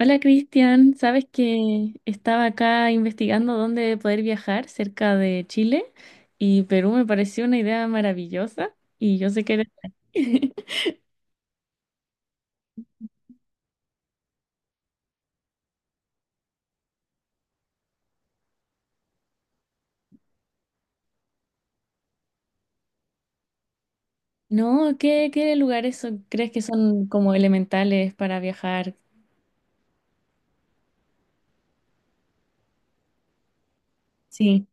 Hola Cristian, sabes que estaba acá investigando dónde poder viajar cerca de Chile y Perú me pareció una idea maravillosa y yo sé que eres de ahí. No, ¿qué lugares crees que son como elementales para viajar? Sí,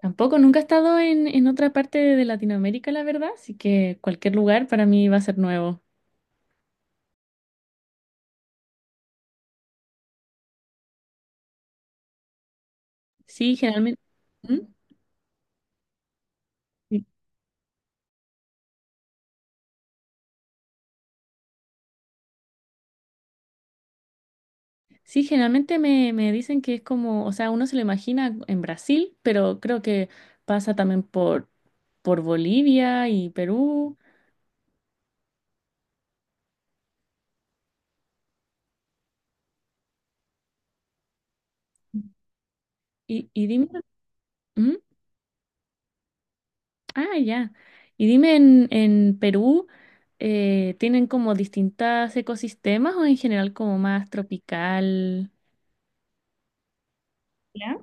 tampoco nunca he estado en otra parte de Latinoamérica, la verdad, así que cualquier lugar para mí va a ser nuevo. Sí, generalmente. ¿Mm? Sí, generalmente me dicen que es como, o sea, uno se lo imagina en Brasil, pero creo que pasa también por Bolivia y Perú. Y dime. ¿Mm? Ah, ya. Y dime, en Perú, ¿tienen como distintas ecosistemas o en general como más tropical? ¿Ya?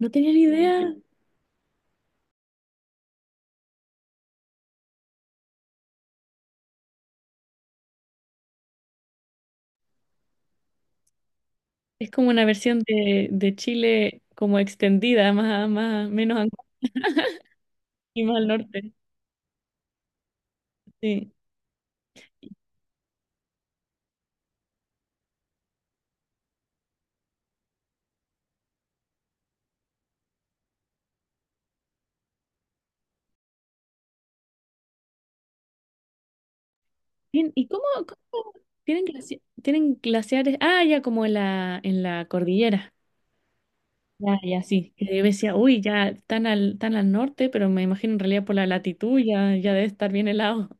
No tenía ni idea. Es como una versión de Chile como extendida, menos angosta y más al norte. Sí. Bien, ¿y cómo tienen tienen glaciares? Ah, ya, como en la cordillera. Ya, ya, sí. Que yo decía, uy, ya tan al norte, pero me imagino en realidad por la latitud ya debe estar bien helado.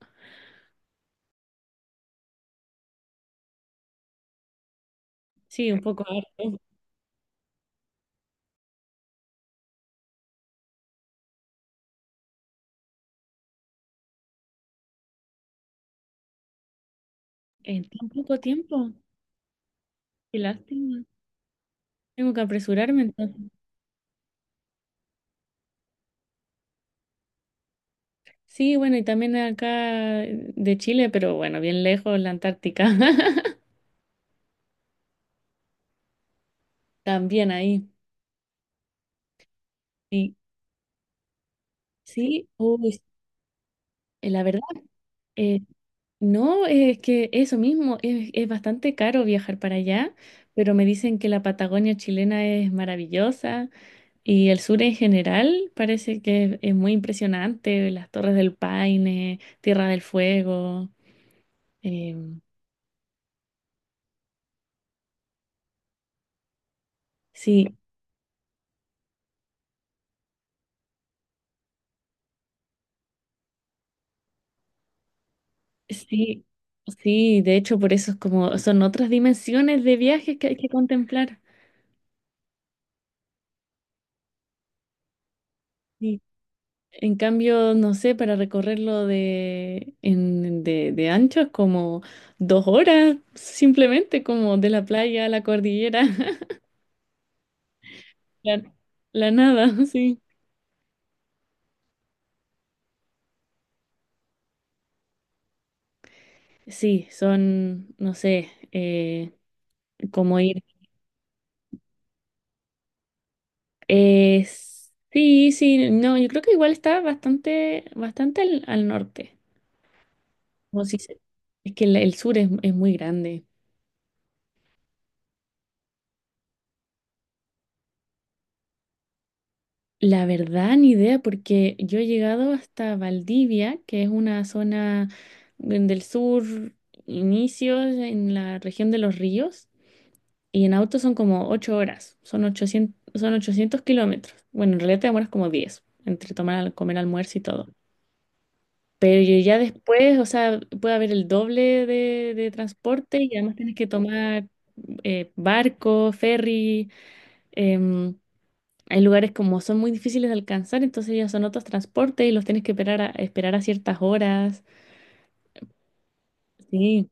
Sí, un poco harto. En tan poco tiempo. Qué lástima. Tengo que apresurarme entonces. Sí, bueno, y también acá, de Chile, pero bueno, bien lejos, la Antártica. También ahí. Sí, sí. Uy, la verdad. eh, No, es que eso mismo, es bastante caro viajar para allá, pero me dicen que la Patagonia chilena es maravillosa y el sur en general parece que es muy impresionante, las Torres del Paine, Tierra del Fuego. em, sí, sí, sí, de hecho por eso es como, son otras dimensiones de viajes que hay que contemplar. Sí. En cambio, no sé, para recorrerlo de ancho es como 2 horas, simplemente como de la playa a la cordillera, la, la nada, sí. Sí, son, no sé, como ir. eh, sí, sí, no, yo creo que igual está bastante, bastante al norte. Como si se- es que el sur es muy grande. La verdad, ni idea, porque yo he llegado hasta Valdivia, que es una zona del sur, inicios en la región de Los Ríos, y en auto son como 8 horas, son 800, son 800 kilómetros. Bueno, en realidad te demoras como 10 entre tomar, comer almuerzo y todo. Pero yo ya después, o sea, puede haber el doble de transporte y además tienes que tomar, barco, ferry. em, Hay lugares como son muy difíciles de alcanzar, entonces ya son otros transportes y los tienes que esperar a ciertas horas. Sí,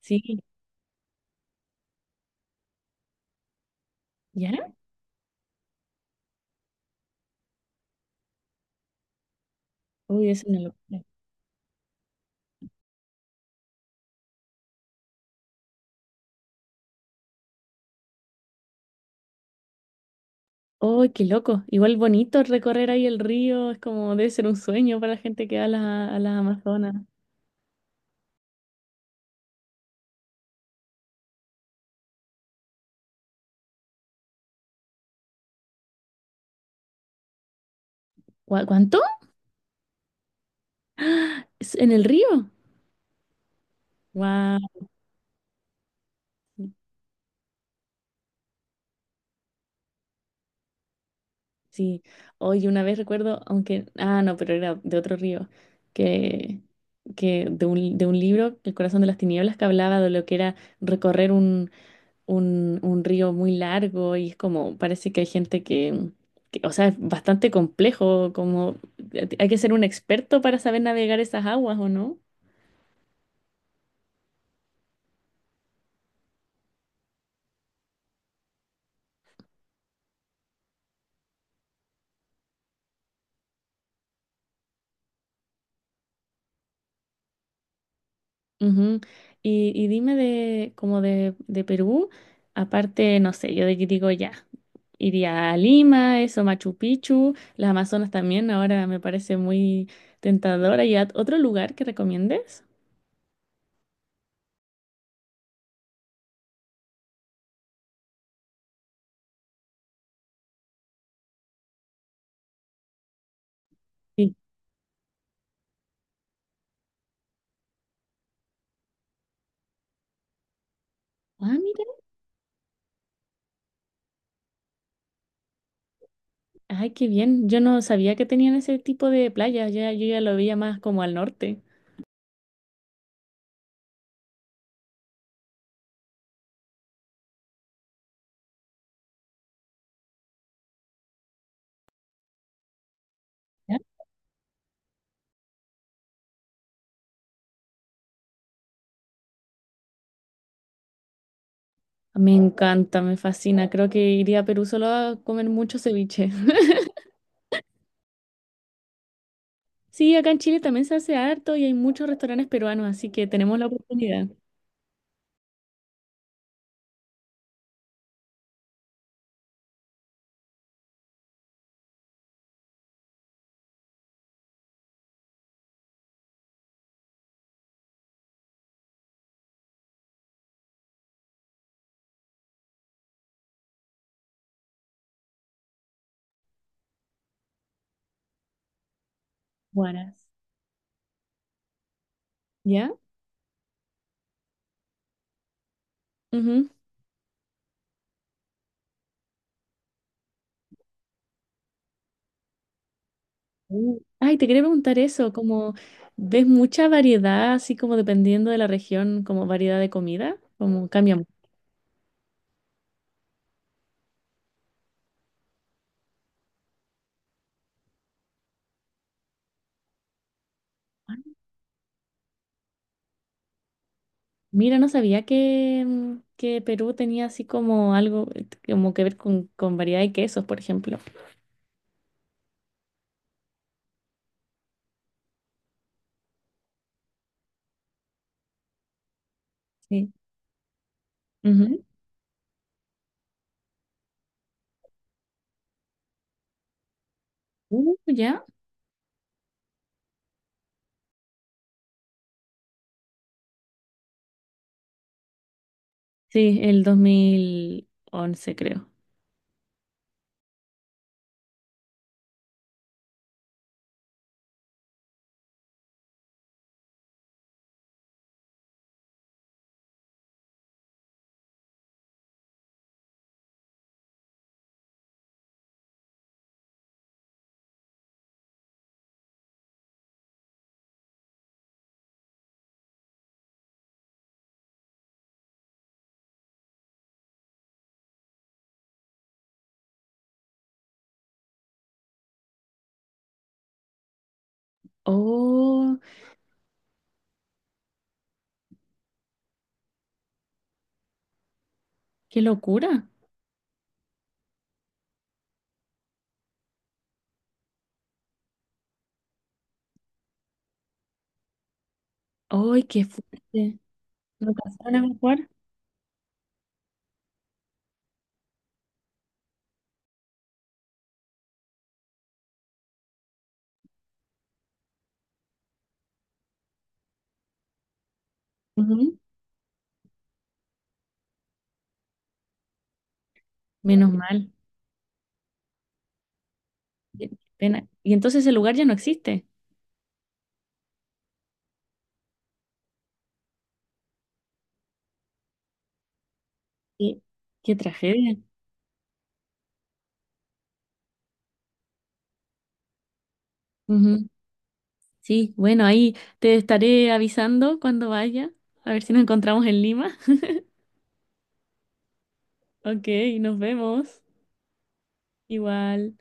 sí. Ya. Uy, es una locura. Uy, qué loco. Igual bonito recorrer ahí el río, es como debe ser un sueño para la gente que va a a las Amazonas. ¿Cuánto? ¿Es ¿En el río? Wow. Sí. Oye, una vez recuerdo, aunque, ah, no, pero era de otro río, que, que de de un libro, El corazón de las tinieblas, que hablaba de lo que era recorrer un río muy largo y es como, parece que hay gente o sea, es bastante complejo, como, hay que ser un experto para saber navegar esas aguas, ¿o no? Ujú. Y dime como de Perú, aparte, no sé, yo de que digo ya, iría a Lima, eso, Machu Picchu, las Amazonas también, ahora me parece muy tentadora. ¿Y a otro lugar que recomiendes? Sí. Ah, mira. Ay, qué bien. Yo no sabía que tenían ese tipo de playas. Ya, yo ya lo veía más como al norte. ¿Ya? Me encanta, me fascina. Creo que iría a Perú solo a comer mucho ceviche. Sí, acá en Chile también se hace harto y hay muchos restaurantes peruanos, así que tenemos la oportunidad. Guaras. ¿Ya? Ujú. Ay, te quería preguntar eso, como ves mucha variedad, así como dependiendo de la región, como variedad de comida, como cambiamos. Mira, no sabía que, que Perú tenía así como algo, como que ver con variedad de quesos, por ejemplo. Sí. Ujú. ¿Ya? Sí, el 2011, creo. Oh, qué locura. ¡Ay, qué fuerte! ¿No alcanzaron a evacuar? Ujú. Menos mal. Qué pena. Y entonces el lugar ya no existe. Qué, qué tragedia. Ujú. Sí, bueno, ahí te estaré avisando cuando vaya, a ver si nos encontramos en Lima. Ok, nos vemos. Igual.